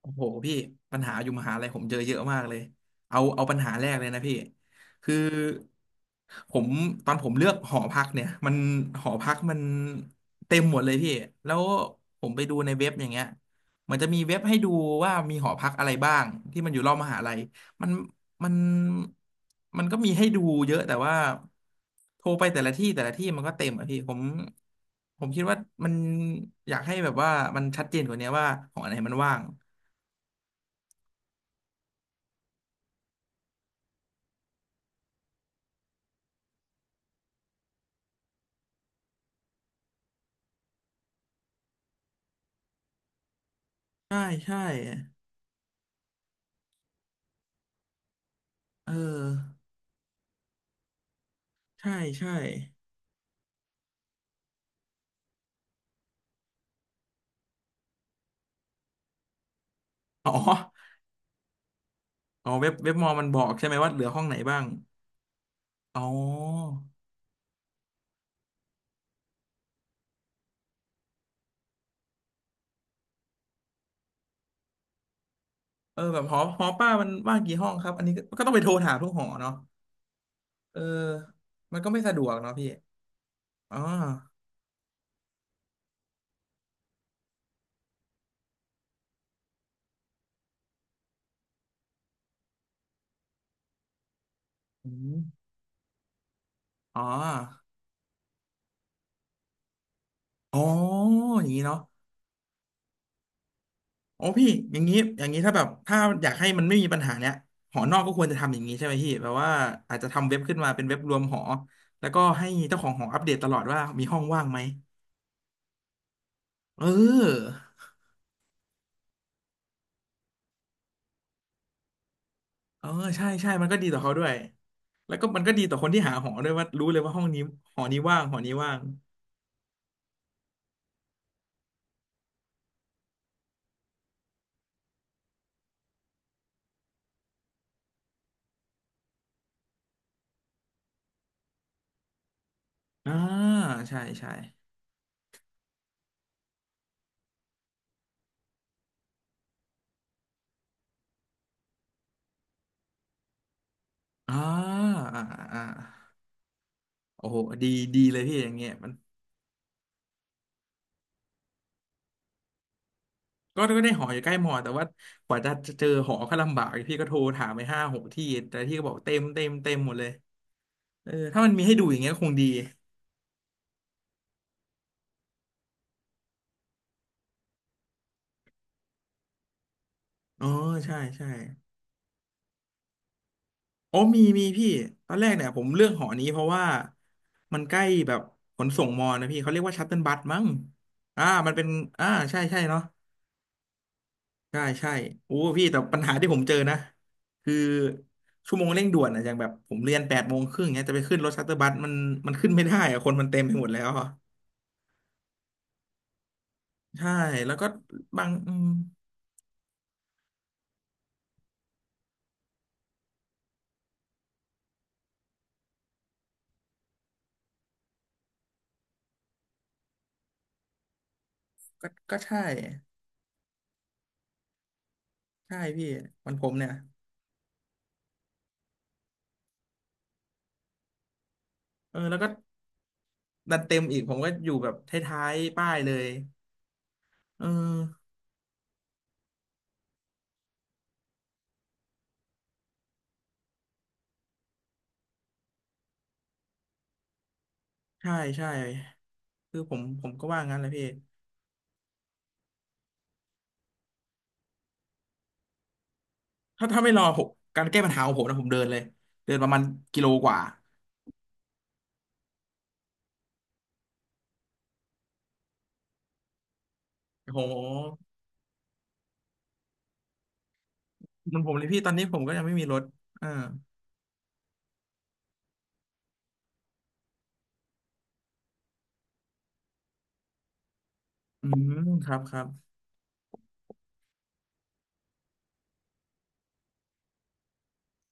โอ้โหพี่ปัญหาอยู่มหาลัยผมเจอเยอะมากเลยเอาปัญหาแรกเลยนะพี่คือผมตอนผมเลือกหอพักเนี่ยหอพักมันเต็มหมดเลยพี่แล้วผมไปดูในเว็บอย่างเงี้ยมันจะมีเว็บให้ดูว่ามีหอพักอะไรบ้างที่มันอยู่รอบมหาลัยมันมันมันก็มีให้ดูเยอะแต่ว่าโทรไปแต่ละที่แต่ละที่มันก็เต็มอะพี่ผมคิดว่ามันอยากให้แบบว่ามันชัดเจนกว่านี้ว่าหอไหนมันว่าง ใช่ใช่เออใช่ใช่อ๋ออ๋อเว็บมอมันบอกใช่ไหมว่าเหลือห้องไหนบ้างอ๋อเออแบบหอป้ามันว่างกี่ห้องครับอันนี้ก็ต้องไปโทรถามทุกหอเนาะเออมันก็ไม่สะดวกเนาะพี่อ๋ออืมอ๋ออ๋ออย่างนี้เนาะโอ้พี่อย่างนี้อย่างนี้ถ้าแบบถ้าอยากให้มันไม่มีปัญหาเนี้ยหอนอกก็ควรจะทำอย่างนี้ใช่ไหมพี่แบบว่าอาจจะทำเว็บขึ้นมาเป็นเว็บรวมหอแล้วก็ให้เจ้าของหออัปเดตตลอดว่ามีห้องว่างไหม เออเออใช่ใช่มันก็ดีต่อเขาด้วยแล้วก็มันก็ดีต่อคนที่หาหอด้วยว่ารู้เลยว่าห้องนี้หอนี้ว่างหอนี้ว่างอ่าใช่ใช่อ่าอ่าอ่าโอ้โหดีดีเลยพี่อย่างเงี้ยมันก็ได้หออยู่ใกล้มอแต่ว่ากว่าจะเจอหอก็ลำบากพี่ก็โทรถามไปห้าหกที่แต่ที่ก็บอกเต็มเต็มเต็มหมดเลยเออถ้ามันมีให้ดูอย่างเงี้ยคงดีอ๋อใช่ใช่ โอ้มีพี่ตอนแรกเนี่ยผมเลือกหอนี้เพราะว่ามันใกล้แบบขนส่งมอนะพี่เขาเรียกว่าชัตเติลบัสมั้งอ่ามันเป็นอ่าใช่ใช่เนาะใช่ใช่โอ้พี่แต่ปัญหาที่ผมเจอนะคือชั่วโมงเร่งด่วนอะอย่างแบบผมเรียนแปดโมงครึ่งเนี้ยจะไปขึ้นรถชัตเติลบัสมันขึ้นไม่ได้อะคนมันเต็มไปหมดแล้วอะใช่แล้วก็บางอืมก็ใช่ใช่พี่มันผมเนี่ยเออแล้วก็ดันเต็มอีกผมก็อยู่แบบท้ายๆป้ายเลยเออ ใช่ใช่คือผมก็ว่างั้นแหละพี่ถ้าไม่รอผมการแก้ปัญหาของผมนะผมเดินเลยเดินประมาณกิโลกว่าโอ้โหมันผมเลยพี่ตอนนี้ผมก็ยังไม่มีรถอ่าอืมครับครับ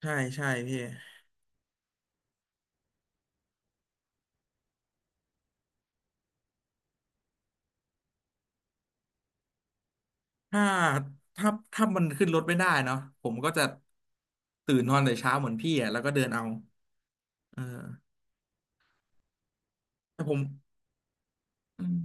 ใช่ใช่พี่ถ้าถ้าถ้ามันขึ้นรถไม่ได้เนาะผมก็จะตื่นนอนแต่เช้าเหมือนพี่อ่ะแล้วก็เดินเอาเออแต่ผมอืม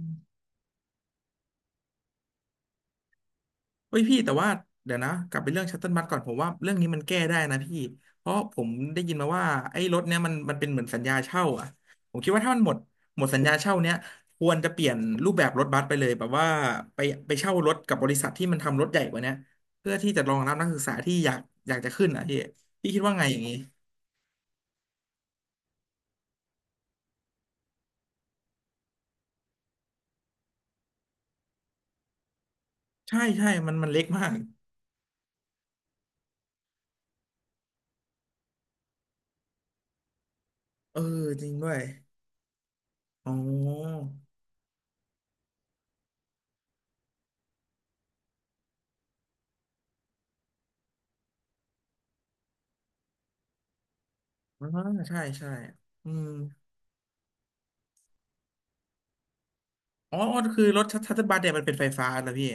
เฮ้ยพี่แต่ว่าเดี๋ยวนะกลับไปเรื่องชัตเติลบัสก่อนผมว่าเรื่องนี้มันแก้ได้นะพี่เพราะผมได้ยินมาว่าไอ้รถเนี้ยมันเป็นเหมือนสัญญาเช่าอ่ะผมคิดว่าถ้ามันหมดสัญญาเช่าเนี้ยควรจะเปลี่ยนรูปแบบรถบัสไปเลยแบบว่าไปเช่ารถกับบริษัทที่มันทำรถใหญ่กว่าเนี้ยเพื่อที่จะรองรับนักศึกษาที่อยากจะขึ้นอ่ะพี่คิดว่าไงอย่างนี้ใช่ใช่มันเล็กมากเออจริงด้วยอ๋ออ่าใช่ใช่อืม อ๋อคือรถชัตเทิลบัสเนี่ยมันเป็นไฟฟ้าแล้วพี่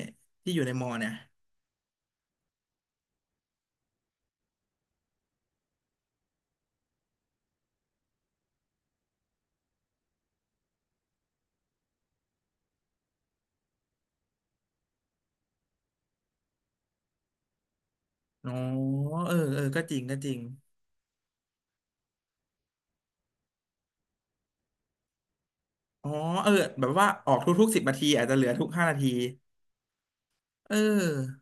ที่อยู่ในมอเนี่ยอ๋อเออเออก็จริงก็จริงอ๋อเออแบบว่าออกทุกๆสิบนาทีอาจจะเหลือทุกห้านาทีเออ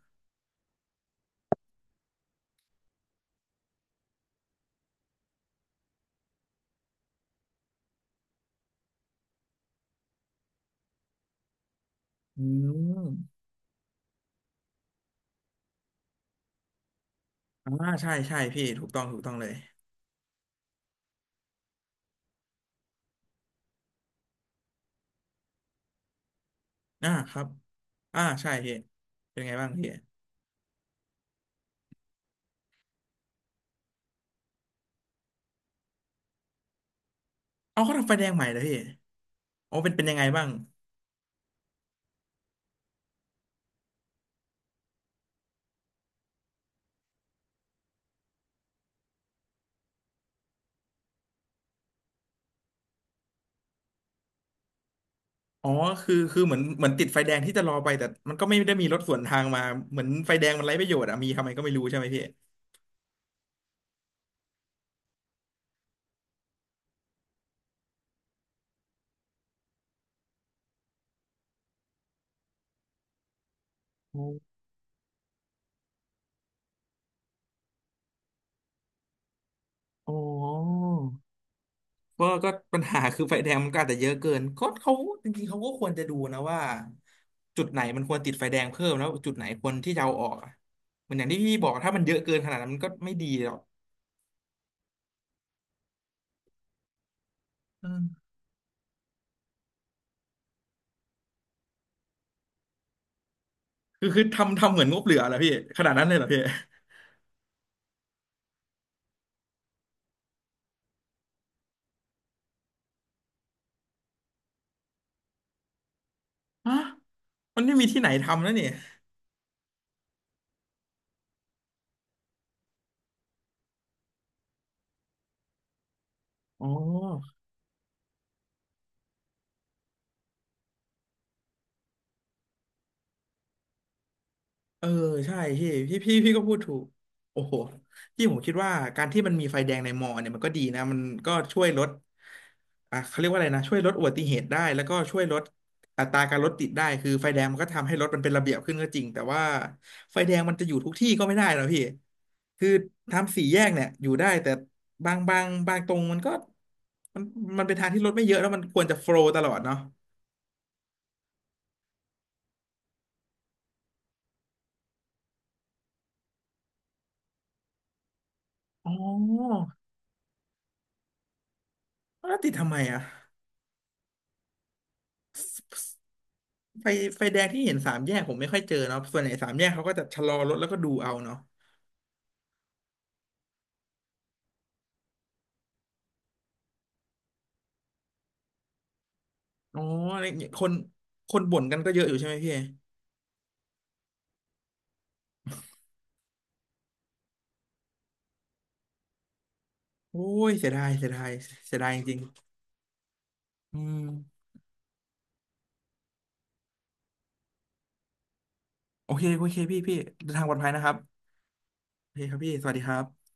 อืมอ่าใช่ใช่พี่ถูกต้องถูกต้องเลยอ่าครับอ่าใช่พี่เป็นไงบ้างพี่เอาเขาทำไฟแดงใหม่เหรอพี่อ๋อเป็นยังไงบ้างอ๋อคือเหมือนติดไฟแดงที่จะรอไปแต่มันก็ไม่ได้มีรถสวนทางมาเหมือนไฟแดงมันไร้ประโยชน์อะมีทำไมก็ไม่รู้ใช่ไหมพี่อ๋อ เ็อร์ก็ปัญหาคือไฟแดงมันก็อาจจะเยอะเกินก็เขาจริงๆเขาก็ควรจะดูนะว่าจุดไหนมันควรติดไฟแดงเพิ่มแล้วจุดไหนควรที่จะเอาออกอะเหมือนอย่างที่พี่บอกถ้ามันเยอะเกินขนาดนั้นมันก็ไม่ดีหรอกอืมคือทำเหมือนงบเหลือเหรอพี่ขนาดนั้นเลยเหรอพี่ฮะมันไม่มีที่ไหนทำแล้วนี่อ๋อ เออใช่พี่ก็พูดถูกโอ้โหพี่ผมคิดว่าการที่มันมีไฟแดงในมอเนี่ยมันก็ดีนะมันก็ช่วยลดอ่ะเขาเรียกว่าอะไรนะช่วยลดอุบัติเหตุได้แล้วก็ช่วยลดอัตราการรถติดได้คือไฟแดงมันก็ทำให้รถมันเป็นระเบียบขึ้นก็จริงแต่ว่าไฟแดงมันจะอยู่ทุกที่ก็ไม่ได้นะพี่คือทำสี่แยกเนี่ยอยู่ได้แต่บางตรงมันก็มันมันเป็นทางที่รถไม่เยอะแล้วมันควรจะโฟลว์ตลอดเนาะอ๋อแล้วติดทำไมอ่ะ ไฟไฟแดงที่เห็นสามแยกผมไม่ค่อยเจอเนาะส่วนใหญ่สามแยกเขาก็จะชะลอรถแล้วก็ดูเอาเนาะอ๋ออะไรเงี้ยคนบ่นกันก็เยอะอยู่ใช่ไหมพี่โอ้ยเสียดายเสียดายเสียดายจริงๆอืมโอเคโอเคพี่พี่เดินทางปลอดภัยนะครับโอเคครับพี่สวัสดีครับ